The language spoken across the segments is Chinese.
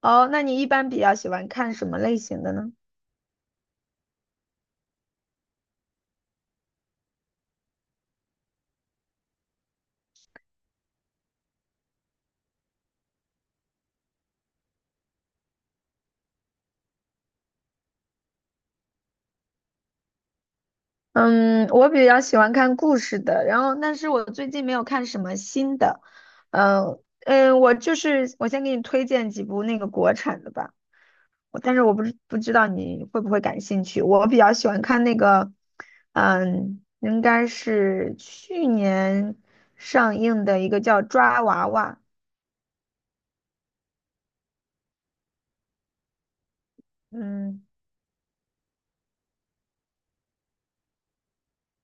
哦，那你一般比较喜欢看什么类型的呢？嗯，我比较喜欢看故事的，然后但是我最近没有看什么新的。嗯嗯，我就是我先给你推荐几部那个国产的吧，但是我不知道你会不会感兴趣。我比较喜欢看那个，应该是去年上映的一个叫《抓娃娃》，嗯，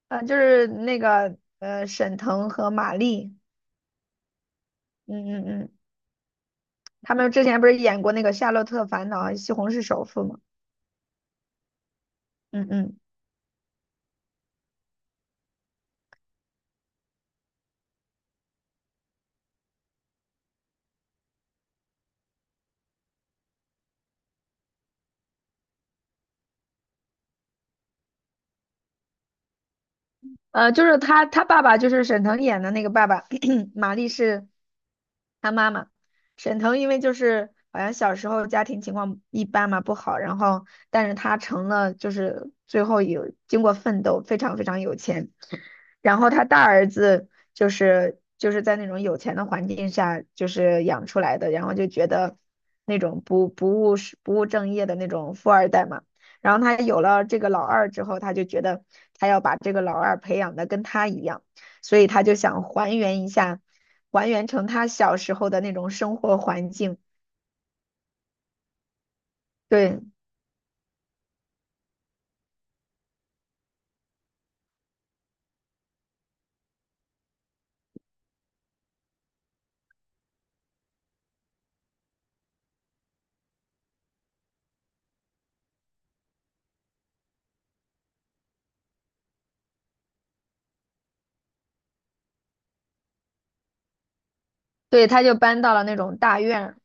就是那个沈腾和马丽，嗯嗯嗯。他们之前不是演过那个《夏洛特烦恼》《西红柿首富》吗？嗯嗯，就是他爸爸就是沈腾演的那个爸爸，玛丽是他妈妈。沈腾因为就是好像小时候家庭情况一般嘛，不好，然后但是他成了就是最后有经过奋斗，非常非常有钱。然后他大儿子就是在那种有钱的环境下就是养出来的，然后就觉得那种不务实不务正业的那种富二代嘛。然后他有了这个老二之后，他就觉得他要把这个老二培养的跟他一样，所以他就想还原一下，还原成他小时候的那种生活环境。对，对，他就搬到了那种大院儿，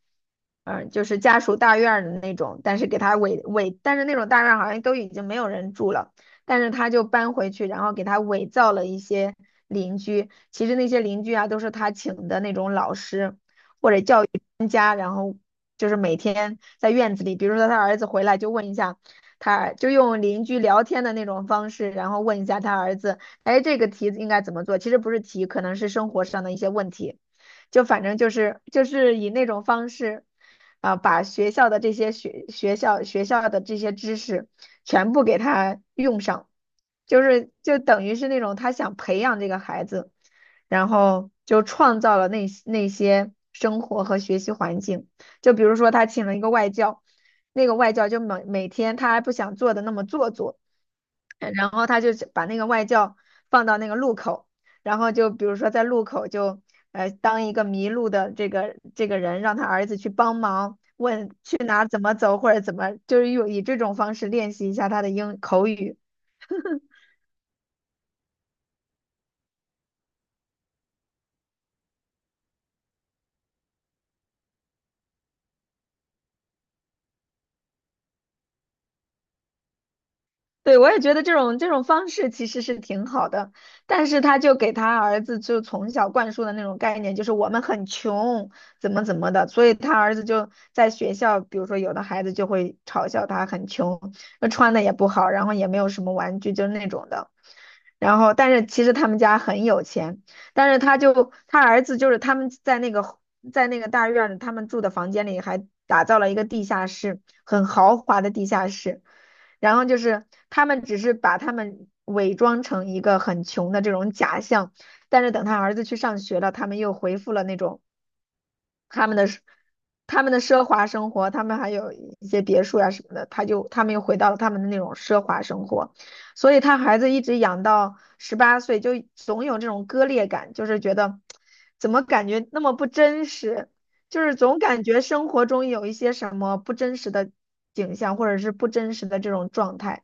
就是家属大院儿的那种，但是给他伪伪，但是那种大院儿好像都已经没有人住了，但是他就搬回去，然后给他伪造了一些邻居，其实那些邻居啊都是他请的那种老师或者教育专家，然后就是每天在院子里，比如说他儿子回来就问一下他，就用邻居聊天的那种方式，然后问一下他儿子，哎，这个题应该怎么做？其实不是题，可能是生活上的一些问题。就反正就是以那种方式啊，把学校的这些学校的这些知识全部给他用上，就是就等于是那种他想培养这个孩子，然后就创造了那些生活和学习环境，就比如说他请了一个外教。那个外教就每天他还不想做的那么做作，然后他就把那个外教放到那个路口，然后就比如说在路口就当一个迷路的这个人，让他儿子去帮忙，问去哪儿怎么走或者怎么，就是用以这种方式练习一下他的英口语。对，我也觉得这种方式其实是挺好的，但是他就给他儿子就从小灌输的那种概念，就是我们很穷，怎么怎么的，所以他儿子就在学校，比如说有的孩子就会嘲笑他很穷，那穿的也不好，然后也没有什么玩具，就是那种的。然后，但是其实他们家很有钱，但是他儿子就是他们在那个大院里，他们住的房间里还打造了一个地下室，很豪华的地下室。然后就是他们只是把他们伪装成一个很穷的这种假象，但是等他儿子去上学了，他们又恢复了那种他们的奢他们的奢华生活，他们还有一些别墅呀、什么的，他们又回到了他们的那种奢华生活，所以他孩子一直养到18岁，就总有这种割裂感，就是觉得怎么感觉那么不真实，就是总感觉生活中有一些什么不真实的景象，或者是不真实的这种状态。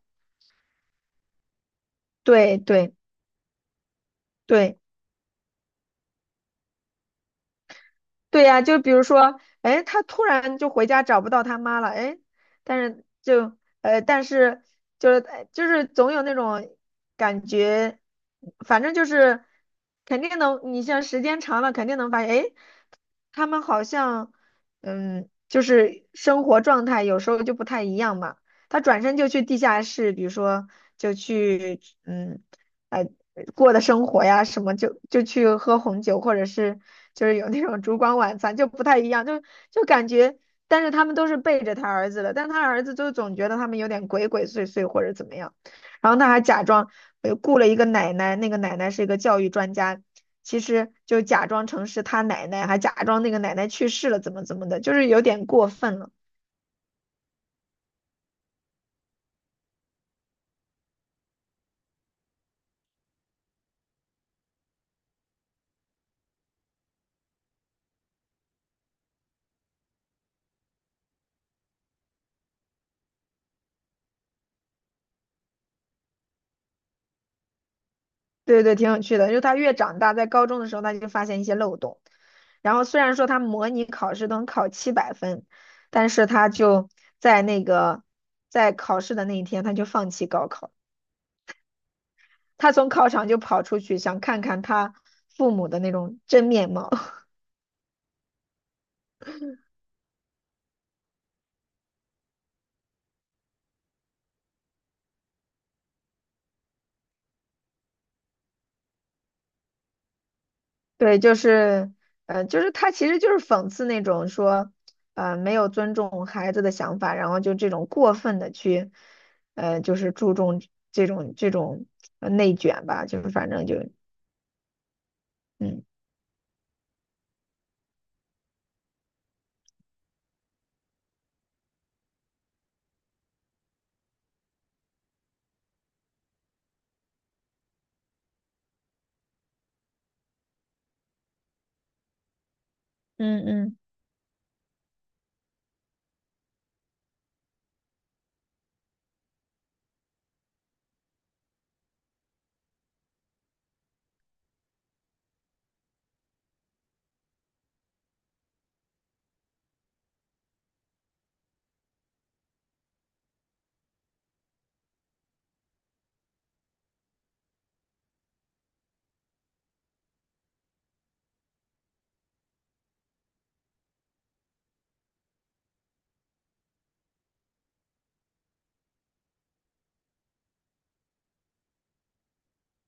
对对对对呀、就比如说，哎，他突然就回家找不到他妈了，哎，但是就是就是总有那种感觉，反正就是肯定能，你像时间长了，肯定能发现，哎，他们好像就是生活状态有时候就不太一样嘛。他转身就去地下室，比如说就去哎过的生活呀什么，就去喝红酒，或者是就是有那种烛光晚餐，就不太一样，就感觉，但是他们都是背着他儿子的，但他儿子就总觉得他们有点鬼鬼祟祟或者怎么样，然后他还假装雇了一个奶奶，那个奶奶是一个教育专家。其实就假装成是他奶奶，还假装那个奶奶去世了，怎么怎么的，就是有点过分了。对对，挺有趣的。就他越长大，在高中的时候，他就发现一些漏洞。然后虽然说他模拟考试能考700分，但是他就在那个在考试的那一天，他就放弃高考，他从考场就跑出去，想看看他父母的那种真面貌。对，就是，就是他其实就是讽刺那种说，没有尊重孩子的想法，然后就这种过分的去，就是注重这种内卷吧，就是反正就，嗯嗯嗯，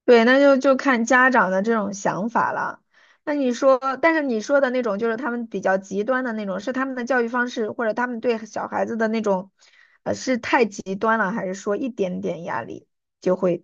对，那就看家长的这种想法了。那你说，但是你说的那种就是他们比较极端的那种，是他们的教育方式，或者他们对小孩子的那种，是太极端了，还是说一点点压力？就会？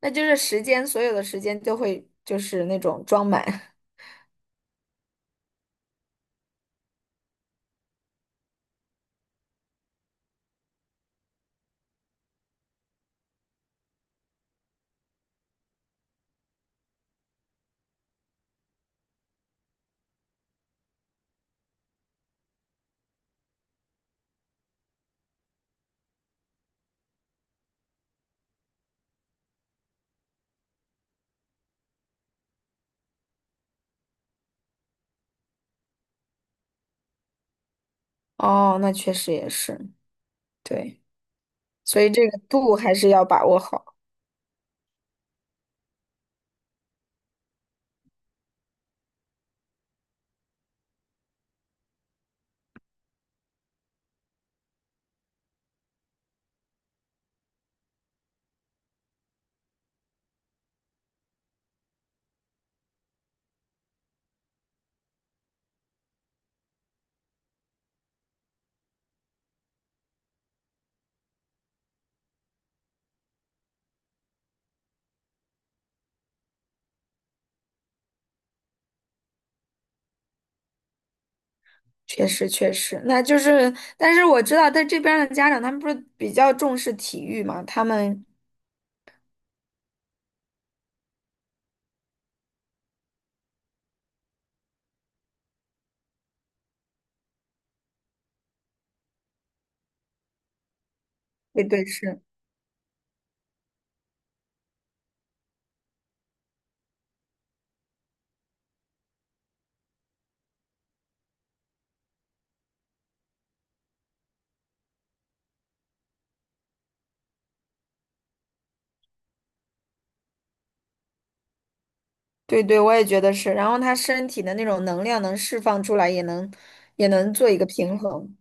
那就是时间，所有的时间都会就是那种装满。哦，那确实也是，对，所以这个度还是要把握好。确实，确实，那就是，但是我知道在这边儿的家长，他们不是比较重视体育嘛，他们，对对是，对对，我也觉得是。然后他身体的那种能量能释放出来，也能做一个平衡。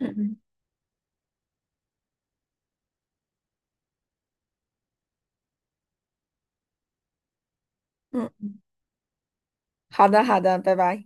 嗯嗯嗯，好的好的，拜拜。